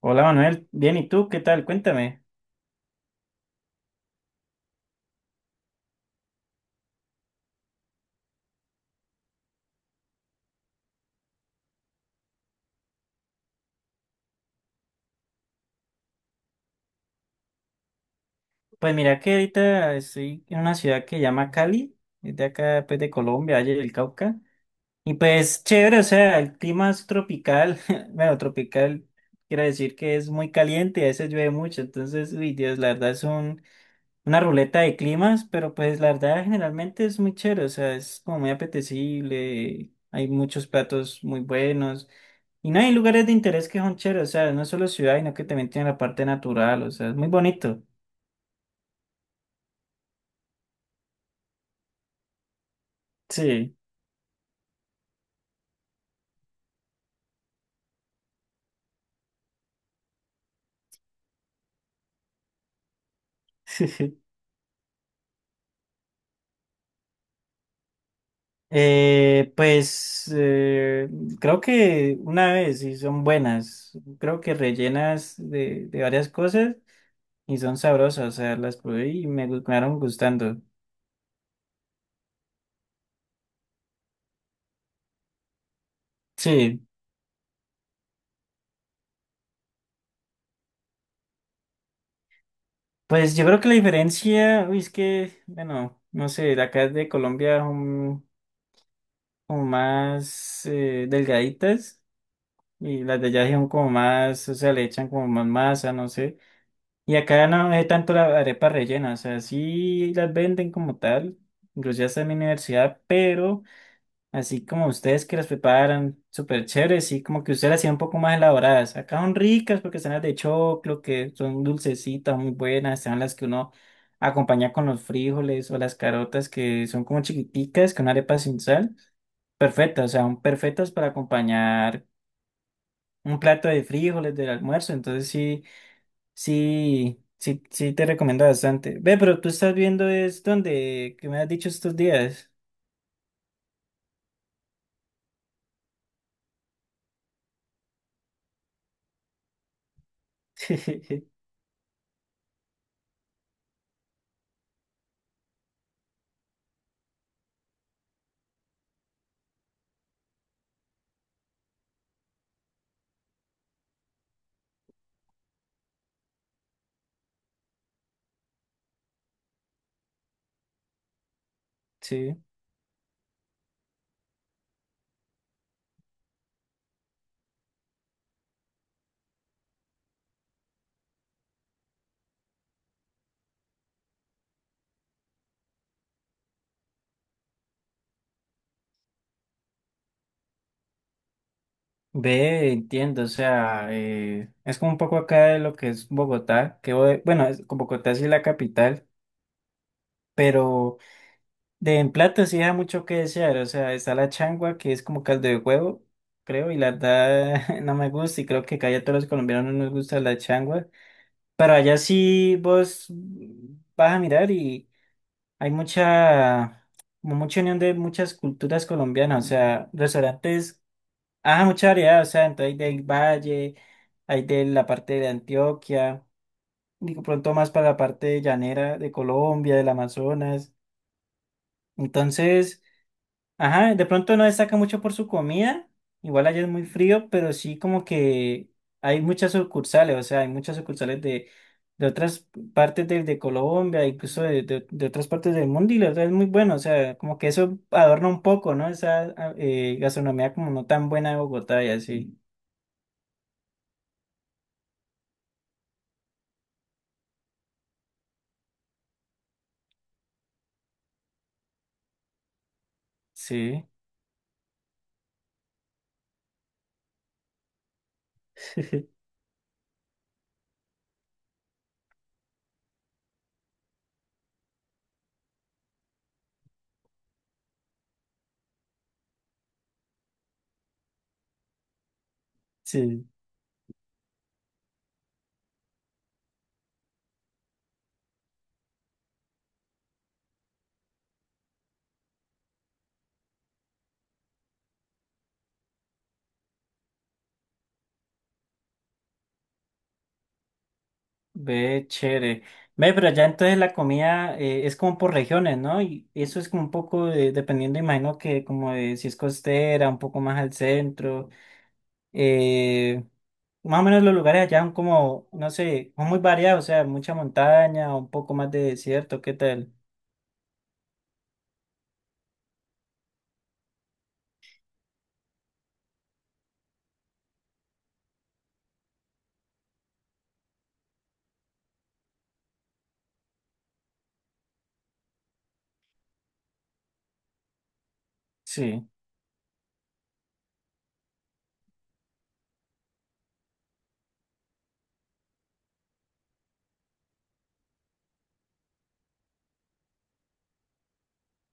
Hola Manuel, bien, ¿y tú qué tal? Cuéntame. Pues mira que ahorita estoy en una ciudad que se llama Cali, es de acá pues de Colombia, Valle del Cauca. Y pues chévere, o sea, el clima es tropical, bueno, tropical quiere decir que es muy caliente y a veces llueve mucho, entonces, uy, Dios, la verdad es una ruleta de climas, pero pues la verdad generalmente es muy chévere, o sea, es como muy apetecible, hay muchos platos muy buenos y no hay lugares de interés que son chéveres, o sea, no solo ciudad, sino que también tiene la parte natural, o sea, es muy bonito. Sí. Eh, pues eh, creo que una vez y son buenas, creo que rellenas de varias cosas y son sabrosas, o sea, las probé y me quedaron gustando. Sí. Pues yo creo que la diferencia, uy, es que, bueno, no sé, de acá de Colombia son como más delgaditas, y las de allá son como más, o sea, le echan como más masa, no sé. Y acá no es tanto la arepa rellena, o sea, sí las venden como tal, incluso hasta en mi universidad, pero así como ustedes que las preparan súper chéveres, y como que ustedes las hacían un poco más elaboradas. Acá son ricas porque están las de choclo, que son dulcecitas, muy buenas. Están las que uno acompaña con los frijoles o las carotas, que son como chiquiticas, con arepa sin sal. Perfectas, o sea, son perfectas para acompañar un plato de frijoles del almuerzo. Entonces sí, sí, sí te recomiendo bastante. Ve, pero tú estás viendo es donde, que me has dicho estos días. Sí. Ve, entiendo, o sea, es como un poco acá de lo que es Bogotá, bueno, como Bogotá sí es la capital, pero de en plato sí da mucho que desear, o sea, está la changua que es como caldo de huevo, creo, y la verdad no me gusta y creo que casi a todos los colombianos no nos gusta la changua, pero allá sí vos vas a mirar y hay mucha, como mucha unión de muchas culturas colombianas, o sea, restaurantes. Ah, mucha variedad, o sea, entonces hay del valle, hay de la parte de Antioquia, digo pronto más para la parte llanera de Colombia, del Amazonas. Entonces, ajá, de pronto no destaca mucho por su comida, igual allá es muy frío, pero sí como que hay muchas sucursales, o sea, hay muchas sucursales de otras partes de Colombia, incluso de otras partes del mundo, y la verdad es muy bueno, o sea, como que eso adorna un poco, ¿no? Esa gastronomía como no tan buena de Bogotá y así. Sí. Sí, ve chévere. Ve, pero ya entonces la comida es como por regiones, ¿no? Y eso es como un poco dependiendo, imagino que como de si es costera, un poco más al centro. eh, más o menos los lugares allá son como, no sé, son muy variados, o sea, mucha montaña, un poco más de desierto, ¿qué tal? Sí,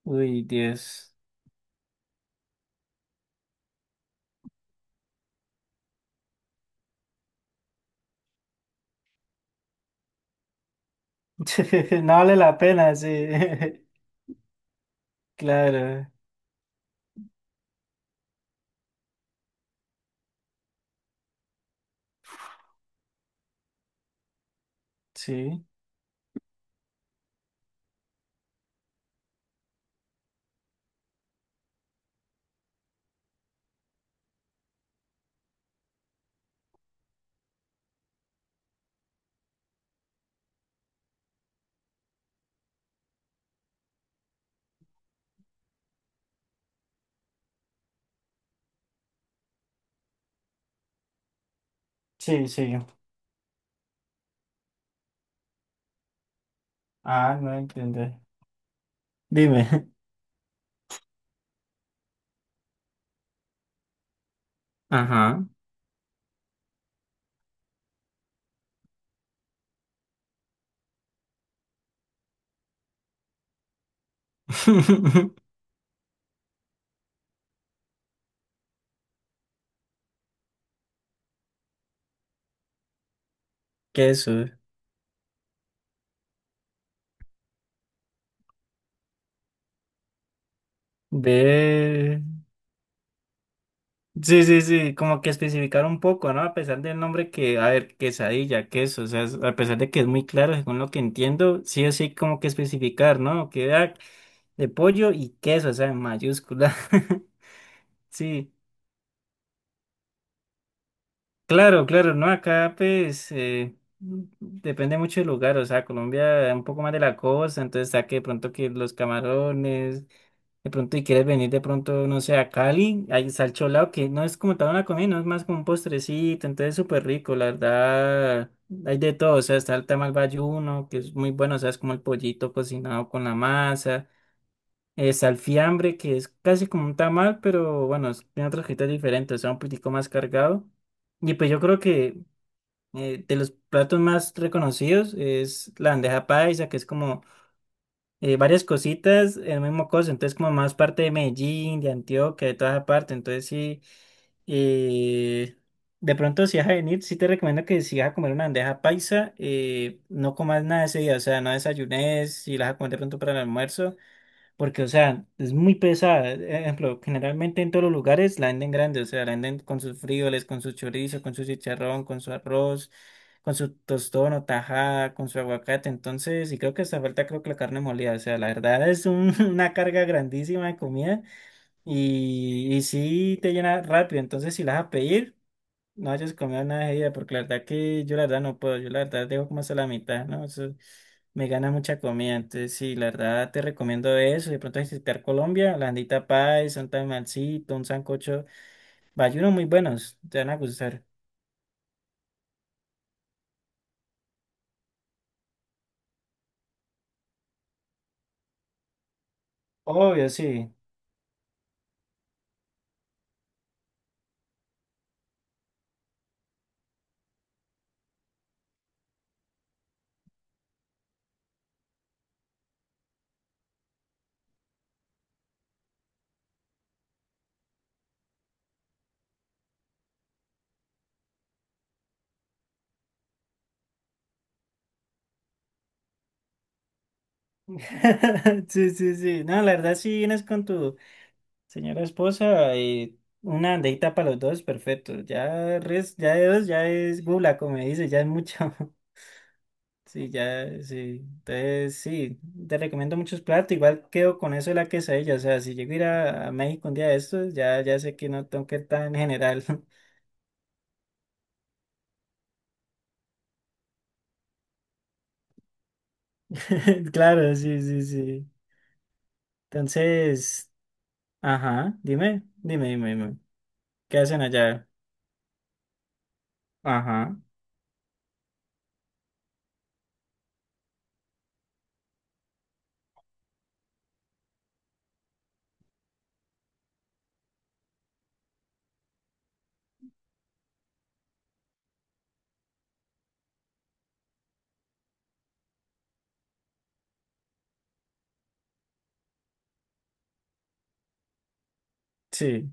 uy, Dios. No vale la pena, sí. Claro, sí. Sí, sí. Ah, no entiendo. Dime. Ajá. Queso. Ve. Sí, sí, sí, como que especificar un poco, ¿no? A pesar del nombre que, a ver, quesadilla, queso, o sea, a pesar de que es muy claro, según lo que entiendo, sí o sí, como que especificar, ¿no? Que de pollo y queso, o sea, en mayúscula. Sí. Claro, claro, no, acá pues depende mucho del lugar, o sea, Colombia es un poco más de la costa, entonces está que de pronto que los camarones, de pronto y quieres venir de pronto, no sé, a Cali, hay salcholao que no es como tal una comida, no es más como un postrecito, entonces súper rico, la verdad, hay de todo, o sea, está el tamal bayuno, que es muy bueno, o sea, es como el pollito cocinado con la masa. Es alfiambre, que es casi como un tamal, pero bueno, tiene otros criterios diferentes, o sea, un poquitico más cargado. Y pues yo creo que de los platos más reconocidos es la bandeja paisa, que es como varias cositas en el mismo cosa, entonces como más parte de Medellín, de Antioquia, de toda esa parte, entonces sí, eh, de pronto si vas a venir, sí te recomiendo que si vas a comer una bandeja paisa, no comas nada ese día, o sea, no desayunes, si la vas a comer de pronto para el almuerzo. Porque, o sea, es muy pesada. Ejemplo, generalmente en todos los lugares la venden grande, o sea, la venden con sus frijoles, con su chorizo, con su chicharrón, con su arroz, con su tostón o tajada, con su aguacate. Entonces, y creo que hasta falta, creo que la carne molida. O sea, la verdad es una carga grandísima de comida y sí te llena rápido. Entonces, si la vas a pedir, no hayas comido nada de ella, porque la verdad que yo, la verdad no puedo, yo la verdad dejo como hasta la mitad, ¿no? Eso me gana mucha comida, entonces sí, la verdad te recomiendo eso, de pronto visitar Colombia, la andita paisa, un tamalcito, un sancocho, bayunos muy buenos, te van a gustar. Obvio, sí. Sí, sí, sí. No, la verdad si vienes con tu señora esposa y una andita para los dos, perfecto. Ya res, ya de dos, ya es gula, como dice, ya es mucho. Sí, ya, sí. Entonces, sí, te recomiendo muchos platos. Igual quedo con eso de la quesadilla. O sea, si llego a ir a México un día de estos, ya, ya sé que no tengo que ir tan general. Claro, sí, sí, sí. Entonces, ajá, dime. ¿Qué hacen allá? Ajá, sí,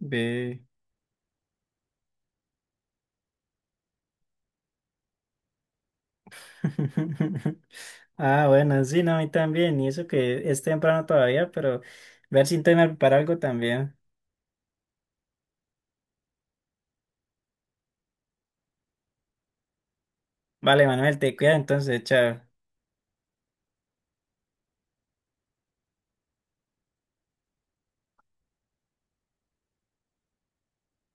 ve. Ah, bueno, sí, no, a mí también. Y eso que es temprano todavía, pero ver si intento preparar algo también. Vale, Manuel, te cuida entonces, chao.